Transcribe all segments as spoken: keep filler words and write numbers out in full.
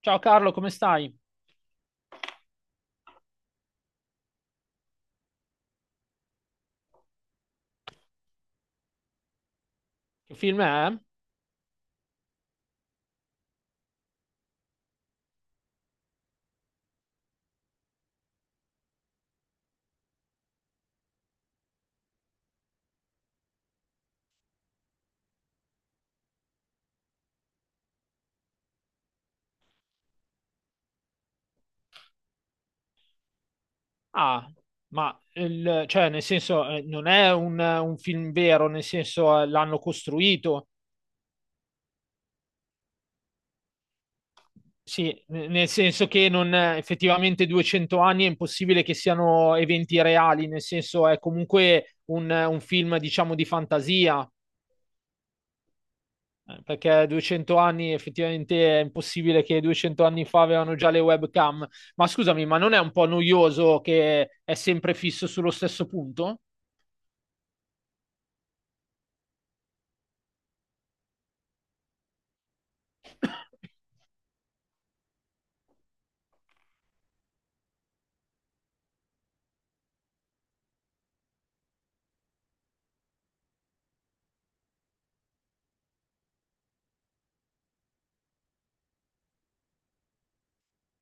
Ciao Carlo, come stai? Che film è? Ah, ma il- cioè, nel senso, eh, non è un, un film vero, nel senso, eh, l'hanno costruito. Sì, n- nel senso che non, effettivamente duecento anni è impossibile che siano eventi reali, nel senso è comunque un, un film, diciamo, di fantasia, eh, perché duecento anni effettivamente è impossibile che duecento anni fa avevano già le webcam. Ma scusami, ma non è un po' noioso che è sempre fisso sullo stesso punto?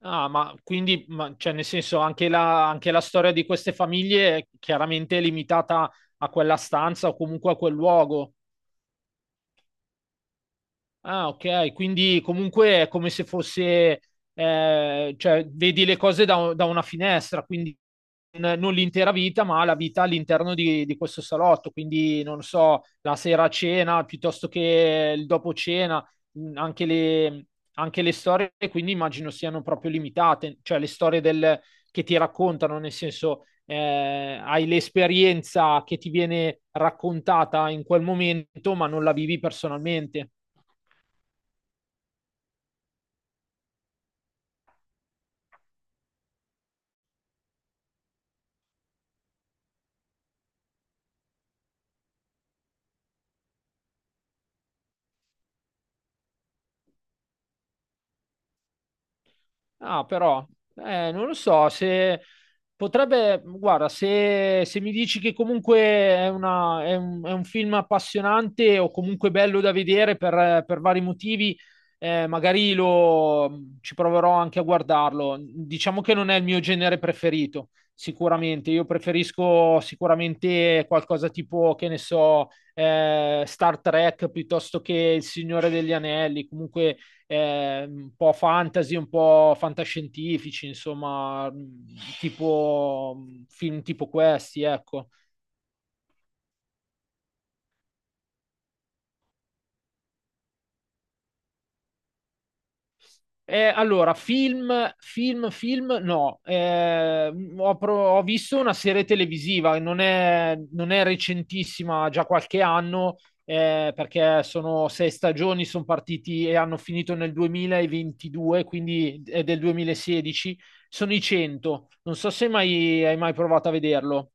Ah, ma quindi, ma- cioè, nel senso, anche la, anche la storia di queste famiglie è chiaramente limitata a quella stanza o comunque a quel luogo. Ah, ok, quindi comunque è come se fosse, eh, cioè, vedi le cose da, da una finestra, quindi n- non l'intera vita, ma la vita all'interno di, di questo salotto, quindi non so, la sera a cena piuttosto che il dopo cena, mh, anche le, anche le storie, quindi immagino siano proprio limitate, cioè le storie del- che ti raccontano, nel senso, eh, hai l'esperienza che ti viene raccontata in quel momento, ma non la vivi personalmente. Ah, però, eh, non lo so, se potrebbe, guarda, se, se mi dici che comunque è, una- è un, è un film appassionante o comunque bello da vedere per, per vari motivi, eh, magari lo, ci proverò anche a guardarlo. Diciamo che non è il mio genere preferito, sicuramente. Io preferisco sicuramente qualcosa tipo, che ne so, eh, Star Trek piuttosto che Il Signore degli Anelli, comunque eh, un po' fantasy, un po' fantascientifici, insomma, mh, tipo mh, film tipo questi, ecco. Eh, allora, film, film, film, no. Eh, ho, pro- ho visto una serie televisiva, non è, non è recentissima, ha già qualche anno, eh, perché sono sei stagioni, sono partiti e hanno finito nel duemilaventidue, quindi è del duemilasedici. Sono i cento. Non so se mai, hai mai provato a vederlo.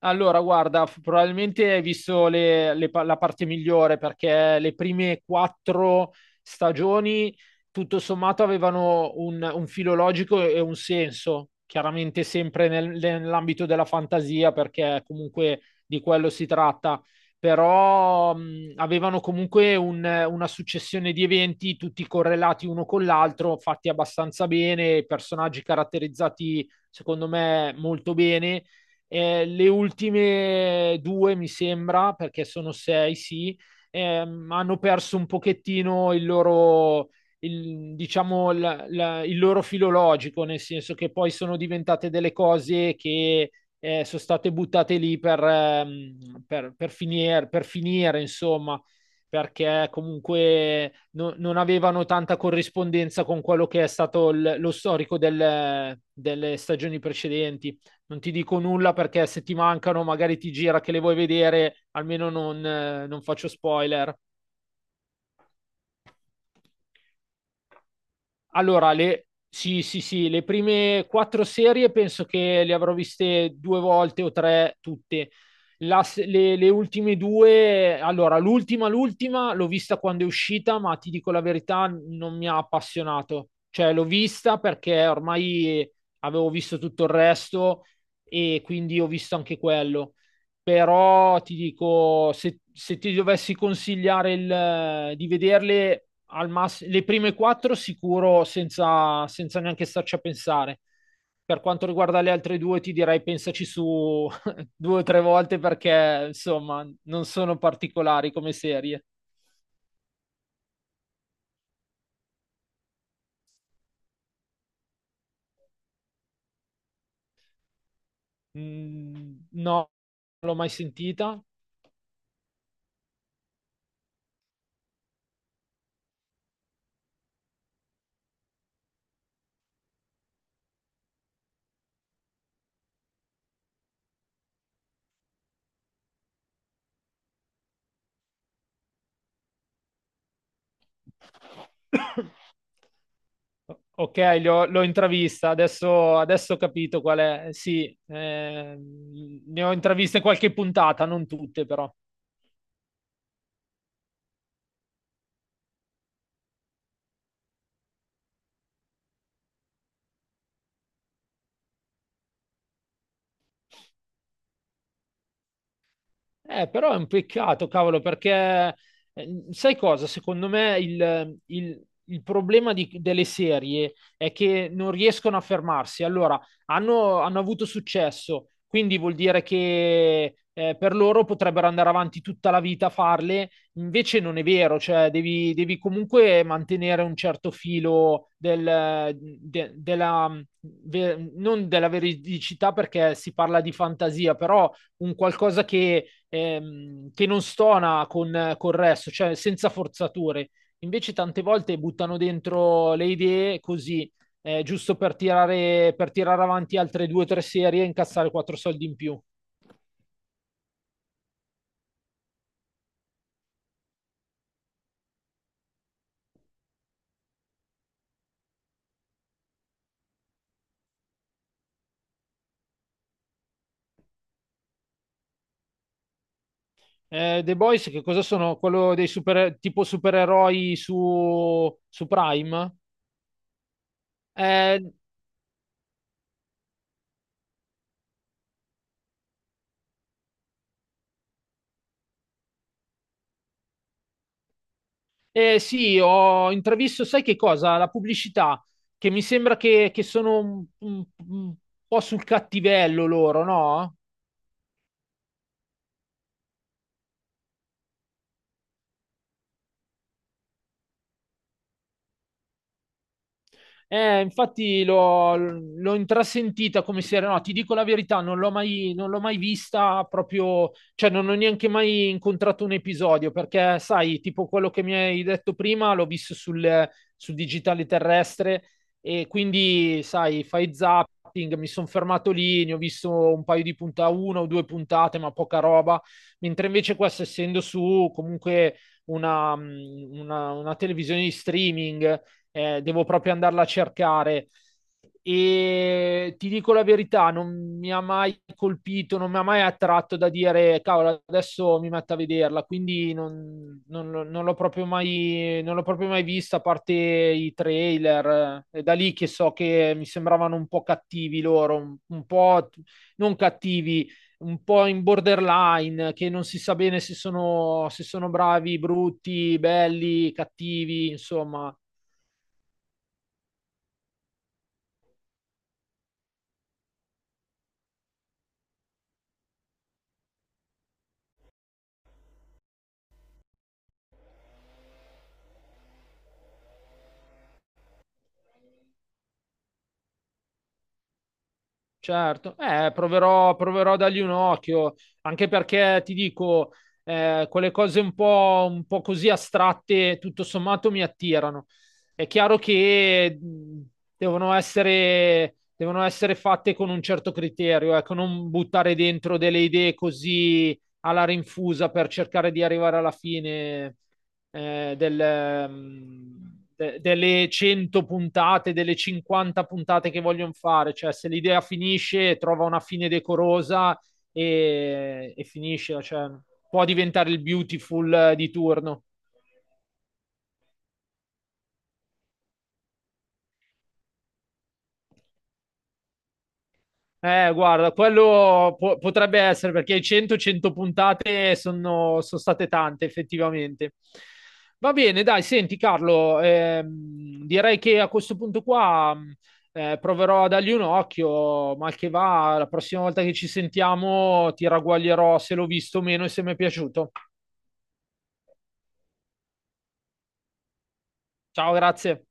Allora, guarda, f- probabilmente hai visto le- le pa- la parte migliore perché le prime quattro stagioni, tutto sommato, avevano un, un filo logico e un senso, chiaramente sempre nel- nell'ambito della fantasia, perché comunque di quello si tratta, però mh, avevano comunque un- una successione di eventi, tutti correlati uno con l'altro, fatti abbastanza bene, personaggi caratterizzati, secondo me, molto bene eh, le ultime due, mi sembra, perché sono sei, sì, ehm, hanno perso un pochettino il loro, il, diciamo, la- la- il loro filologico, nel senso che poi sono diventate delle cose che eh, sono state buttate lì per, ehm, per, per finire, per finire, insomma, perché comunque no- non avevano tanta corrispondenza con quello che è stato il- lo storico del- delle stagioni precedenti. Non ti dico nulla perché se ti mancano magari ti gira che le vuoi vedere, almeno non, eh, non faccio spoiler. Allora, le, sì, sì, sì, le prime quattro serie penso che le avrò viste due volte o tre tutte. La se- le, le ultime due, allora, l'ultima, l'ultima l'ho vista quando è uscita, ma ti dico la verità, non mi ha appassionato. Cioè, l'ho vista perché ormai avevo visto tutto il resto e quindi ho visto anche quello. Però ti dico, se, se ti dovessi consigliare il- di vederle al mass- le prime quattro sicuro senza, senza neanche starci a pensare. Per quanto riguarda le altre due, ti direi pensaci su due o tre volte perché, insomma, non sono particolari come serie. Mm, no, non l'ho mai sentita. Ok, l'ho l'ho intravista, adesso, adesso ho capito qual è. Sì, eh, ne ho intraviste qualche puntata, non tutte però. Eh, però è un peccato, cavolo, perché eh, sai cosa? Secondo me il, il- il problema di- delle serie è che non riescono a fermarsi. Allora, hanno, hanno avuto successo, quindi vuol dire che eh, per loro potrebbero andare avanti tutta la vita a farle, invece non è vero, cioè devi, devi comunque mantenere un certo filo del, de- della, ve- non della veridicità perché si parla di fantasia, però un qualcosa che ehm, che non stona con, con il resto, cioè senza forzature. Invece tante volte buttano dentro le idee così, eh, giusto per tirare, per tirare avanti altre due o tre serie e incassare quattro soldi in più. Eh, The Boys che cosa sono? Quello dei super, tipo supereroi su, su Prime? Eh, eh, sì, ho intravisto, sai che cosa? La pubblicità, che mi sembra che, che sono un, un- un po' sul cattivello loro, no? Eh, infatti l'ho, l'ho intrasentita come serie, no, ti dico la verità, non l'ho mai, non l'ho mai vista proprio, cioè non ho neanche mai incontrato un episodio, perché sai, tipo quello che mi hai detto prima, l'ho visto sul, sul digitale terrestre e quindi, sai, fai zapping, mi sono fermato lì, ne ho visto un paio di puntate, una o due puntate, ma poca roba, mentre invece questo essendo su comunque una, una una televisione di streaming eh, devo proprio andarla a cercare. E ti dico la verità, non mi ha mai colpito, non mi ha mai attratto da dire, cavolo, adesso mi metto a vederla, quindi non, non l'ho non l'ho proprio mai, non l'ho proprio mai vista, a parte i trailer. È da lì che so che mi sembravano un po' cattivi loro, un, un po' non cattivi, un po' in borderline, che non si sa bene se sono, se sono bravi, brutti, belli, cattivi, insomma. Certo, eh, proverò, proverò a dargli un occhio, anche perché ti dico, eh, quelle cose un po', un po' così astratte, tutto sommato, mi attirano. È chiaro che mh, devono essere, devono essere fatte con un certo criterio, ecco, non buttare dentro delle idee così alla rinfusa per cercare di arrivare alla fine eh, del, ehm, de- delle cento puntate, delle cinquanta puntate che vogliono fare, cioè se l'idea finisce, trova una fine decorosa e, e finisce, cioè, può diventare il beautiful eh, di turno. Eh, guarda, quello po- potrebbe essere perché cento cento puntate sono, sono state tante, effettivamente. Va bene, dai, senti Carlo, ehm, direi che a questo punto qua mh, eh, proverò a dargli un occhio, mal che va, la prossima volta che ci sentiamo ti ragguaglierò se l'ho visto o meno e se mi è piaciuto. Ciao, grazie.